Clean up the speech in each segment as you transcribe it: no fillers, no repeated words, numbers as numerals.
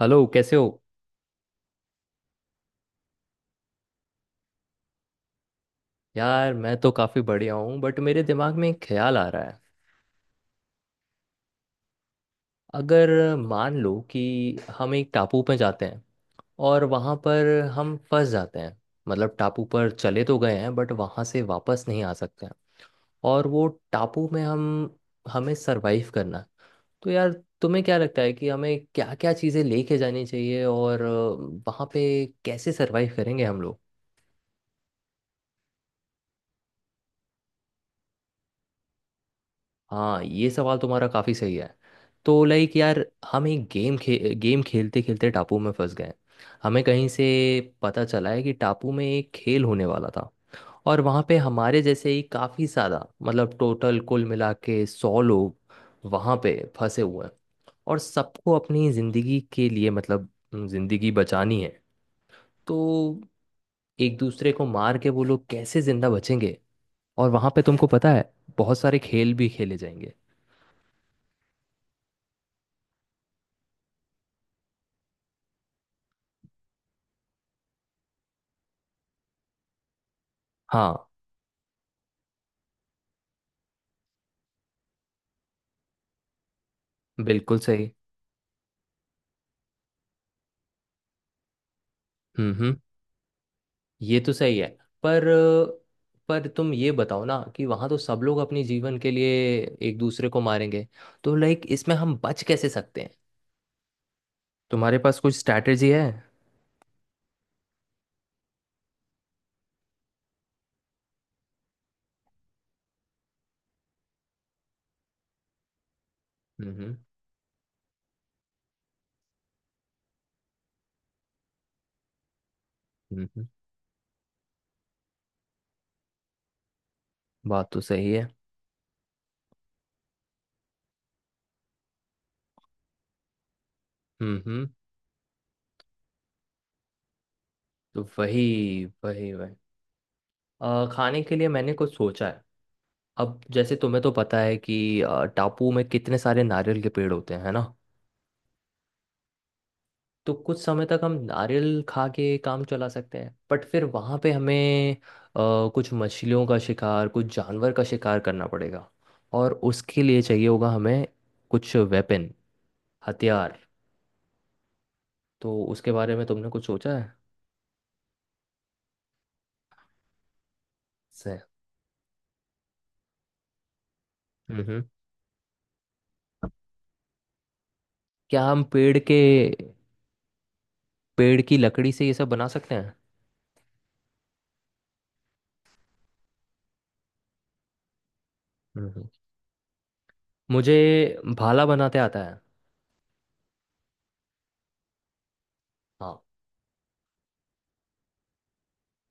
Hello, कैसे हो? यार मैं तो काफ़ी बढ़िया हूँ बट मेरे दिमाग में एक ख्याल आ रहा है। अगर मान लो कि हम एक टापू पे जाते हैं और वहाँ पर हम फंस जाते हैं। मतलब टापू पर चले तो गए हैं बट वहाँ से वापस नहीं आ सकते हैं। और वो टापू में हम हमें सरवाइव करना है। तो यार, तुम्हें क्या लगता है कि हमें क्या क्या चीज़ें लेके जानी चाहिए और वहाँ पे कैसे सरवाइव करेंगे हम लोग? हाँ, ये सवाल तुम्हारा काफी सही है। तो लाइक यार, हम एक गेम खेलते खेलते टापू में फंस गए। हमें कहीं से पता चला है कि टापू में एक खेल होने वाला था। और वहाँ पे हमारे जैसे ही काफी ज्यादा, मतलब टोटल कुल मिला के सौ लोग वहाँ पे फंसे हुए हैं। और सबको अपनी जिंदगी के लिए, मतलब जिंदगी बचानी है। तो एक दूसरे को मार के वो लोग कैसे जिंदा बचेंगे? और वहाँ पे तुमको पता है, बहुत सारे खेल भी खेले जाएंगे। हाँ, बिल्कुल सही। हम्म। ये तो सही है। पर पर तुम ये बताओ ना कि वहां तो सब लोग अपनी जीवन के लिए एक दूसरे को मारेंगे। तो लाइक, इसमें हम बच कैसे सकते हैं? तुम्हारे पास कुछ स्ट्रैटेजी है? हम्म हम्म। बात तो सही है। हम्म। तो वही वही वही खाने के लिए मैंने कुछ सोचा है। अब जैसे तुम्हें तो पता है कि टापू में कितने सारे नारियल के पेड़ होते हैं, है ना? तो कुछ समय तक हम नारियल खा के काम चला सकते हैं बट फिर वहाँ पे हमें कुछ मछलियों का शिकार, कुछ जानवर का शिकार करना पड़ेगा। और उसके लिए चाहिए होगा हमें कुछ वेपन, हथियार। तो उसके बारे में तुमने कुछ सोचा है? से हम्म। क्या हम पेड़ की लकड़ी से ये सब बना सकते हैं? हम्म। मुझे भाला बनाते आता है। हाँ,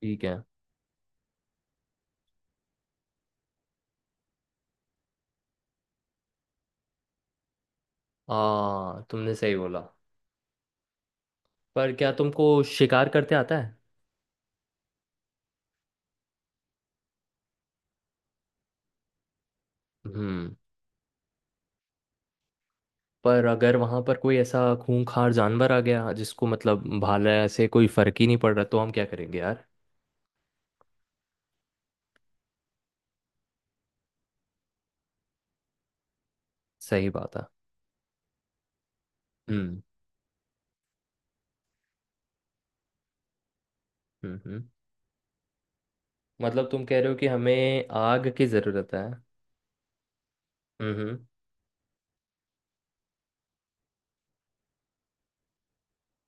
ठीक है। आ तुमने सही बोला। पर क्या तुमको शिकार करते आता है? हम्म। पर अगर वहां पर कोई ऐसा खूंखार जानवर आ गया जिसको मतलब भाला से कोई फर्क ही नहीं पड़ रहा, तो हम क्या करेंगे यार? सही बात है। हम्म हम्म। मतलब तुम कह रहे हो कि हमें आग की जरूरत है? हम्म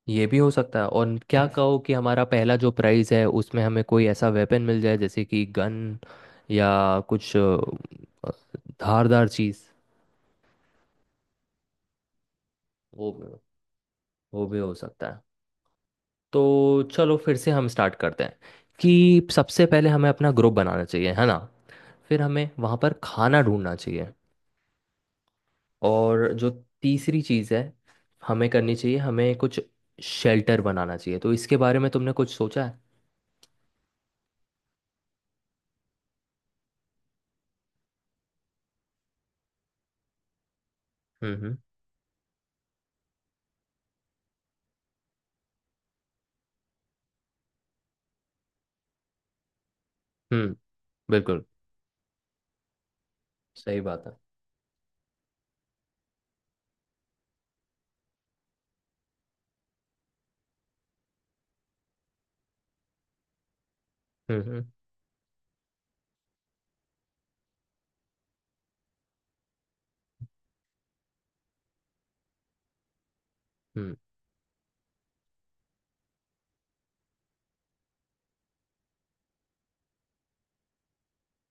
ये भी हो सकता है, और क्या कहो कि हमारा पहला जो प्राइज है उसमें हमें कोई ऐसा वेपन मिल जाए जैसे कि गन या कुछ धारदार चीज। वो भी वो भी हो सकता है। तो चलो, फिर से हम स्टार्ट करते हैं कि सबसे पहले हमें अपना ग्रुप बनाना चाहिए, है ना? फिर हमें वहाँ पर खाना ढूंढना चाहिए। और जो तीसरी चीज़ है हमें करनी चाहिए, हमें कुछ शेल्टर बनाना चाहिए। तो इसके बारे में तुमने कुछ सोचा है? हम्म। हम्म, बिल्कुल सही बात है। हम्म। हम्म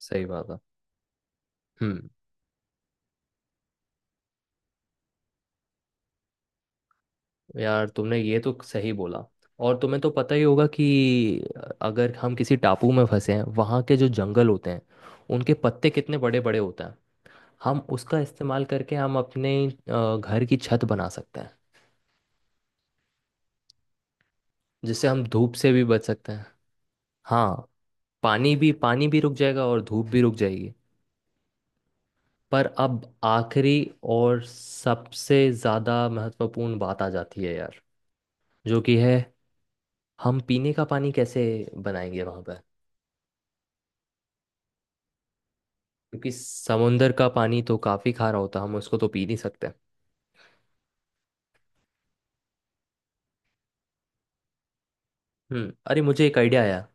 सही बात है। हम्म यार, तुमने ये तो सही बोला। और तुम्हें तो पता ही होगा कि अगर हम किसी टापू में फंसे हैं, वहाँ के जो जंगल होते हैं, उनके पत्ते कितने बड़े बड़े होते हैं। हम उसका इस्तेमाल करके हम अपने घर की छत बना सकते हैं, जिससे हम धूप से भी बच सकते हैं। हाँ, पानी भी रुक जाएगा और धूप भी रुक जाएगी। पर अब आखिरी और सबसे ज़्यादा महत्वपूर्ण बात आ जाती है यार, जो कि है, हम पीने का पानी कैसे बनाएंगे वहाँ पर? क्योंकि समुंदर का पानी तो काफ़ी खारा होता है, हम उसको तो पी नहीं सकते। अरे, मुझे एक आइडिया आया।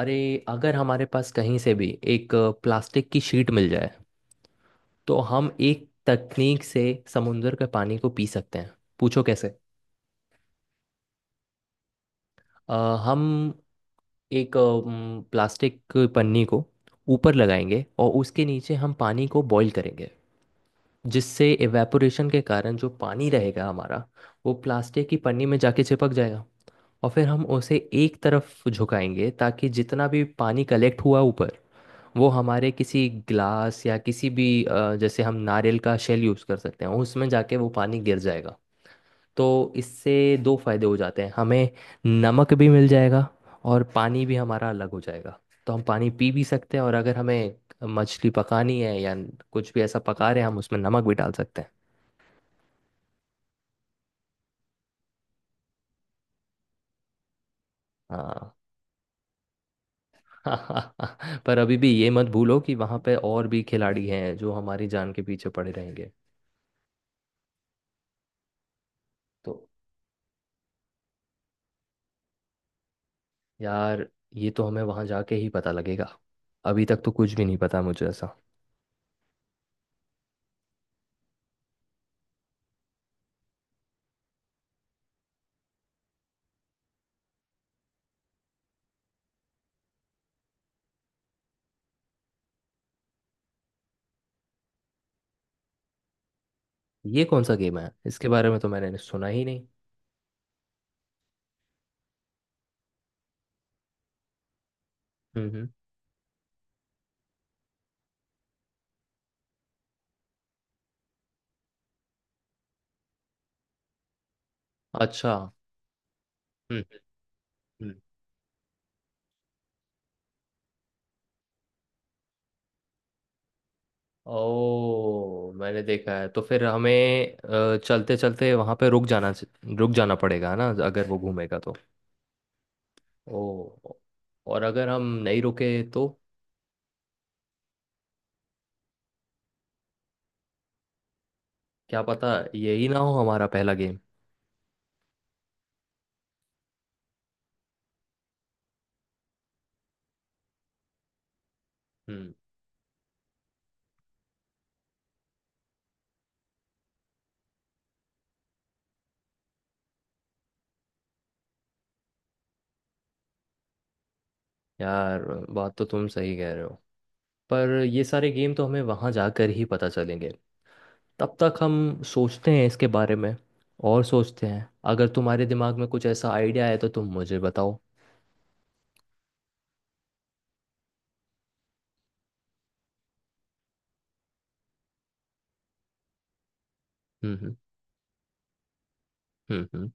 अरे, अगर हमारे पास कहीं से भी एक प्लास्टिक की शीट मिल जाए तो हम एक तकनीक से समुंदर के पानी को पी सकते हैं। पूछो कैसे? अ, हम एक प्लास्टिक की पन्नी को ऊपर लगाएंगे और उसके नीचे हम पानी को बॉईल करेंगे। जिससे एवेपोरेशन के कारण जो पानी रहेगा हमारा, वो प्लास्टिक की पन्नी में जाके चिपक जाएगा। और फिर हम उसे एक तरफ झुकाएंगे ताकि जितना भी पानी कलेक्ट हुआ ऊपर, वो हमारे किसी ग्लास या किसी भी, जैसे हम नारियल का शेल यूज़ कर सकते हैं, उसमें जाके वो पानी गिर जाएगा। तो इससे दो फायदे हो जाते हैं हमें, नमक भी मिल जाएगा और पानी भी हमारा अलग हो जाएगा। तो हम पानी पी भी सकते हैं, और अगर हमें मछली पकानी है या कुछ भी ऐसा पका रहे हैं, हम उसमें नमक भी डाल सकते हैं। हाँ। पर अभी भी ये मत भूलो कि वहाँ पे और भी खिलाड़ी हैं जो हमारी जान के पीछे पड़े रहेंगे। तो यार, ये तो हमें वहाँ जाके ही पता लगेगा। अभी तक तो कुछ भी नहीं पता मुझे ऐसा। ये कौन सा गेम है, इसके बारे में तो मैंने सुना ही नहीं। हम्म हम्म। अच्छा। हम्म। ओ, मैंने देखा है। तो फिर हमें चलते चलते वहां पे रुक जाना पड़ेगा, है ना, अगर वो घूमेगा तो? ओ, और अगर हम नहीं रुके तो? क्या पता, यही ना हो हमारा पहला गेम। हम्म यार, बात तो तुम सही कह रहे हो। पर ये सारे गेम तो हमें वहां जाकर ही पता चलेंगे। तब तक हम सोचते हैं इसके बारे में और सोचते हैं। अगर तुम्हारे दिमाग में कुछ ऐसा आइडिया है तो तुम मुझे बताओ। हम्म हम्म।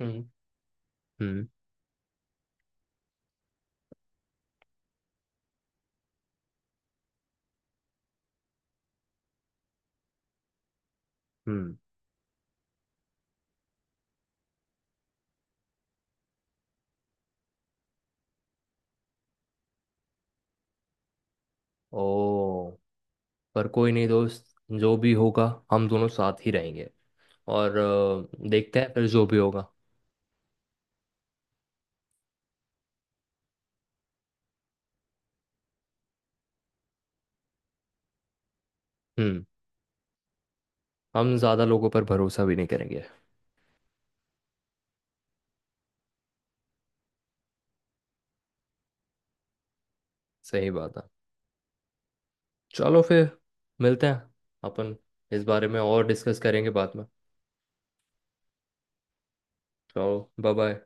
हम्म। हम्म। हम्म, ओ, पर कोई नहीं दोस्त। जो भी होगा, हम दोनों साथ ही रहेंगे। और देखते हैं फिर जो भी होगा। हम्म हम ज़्यादा लोगों पर भरोसा भी नहीं करेंगे। सही बात है। चलो फिर, मिलते हैं अपन। इस बारे में और डिस्कस करेंगे बाद में। चलो, बाय बाय।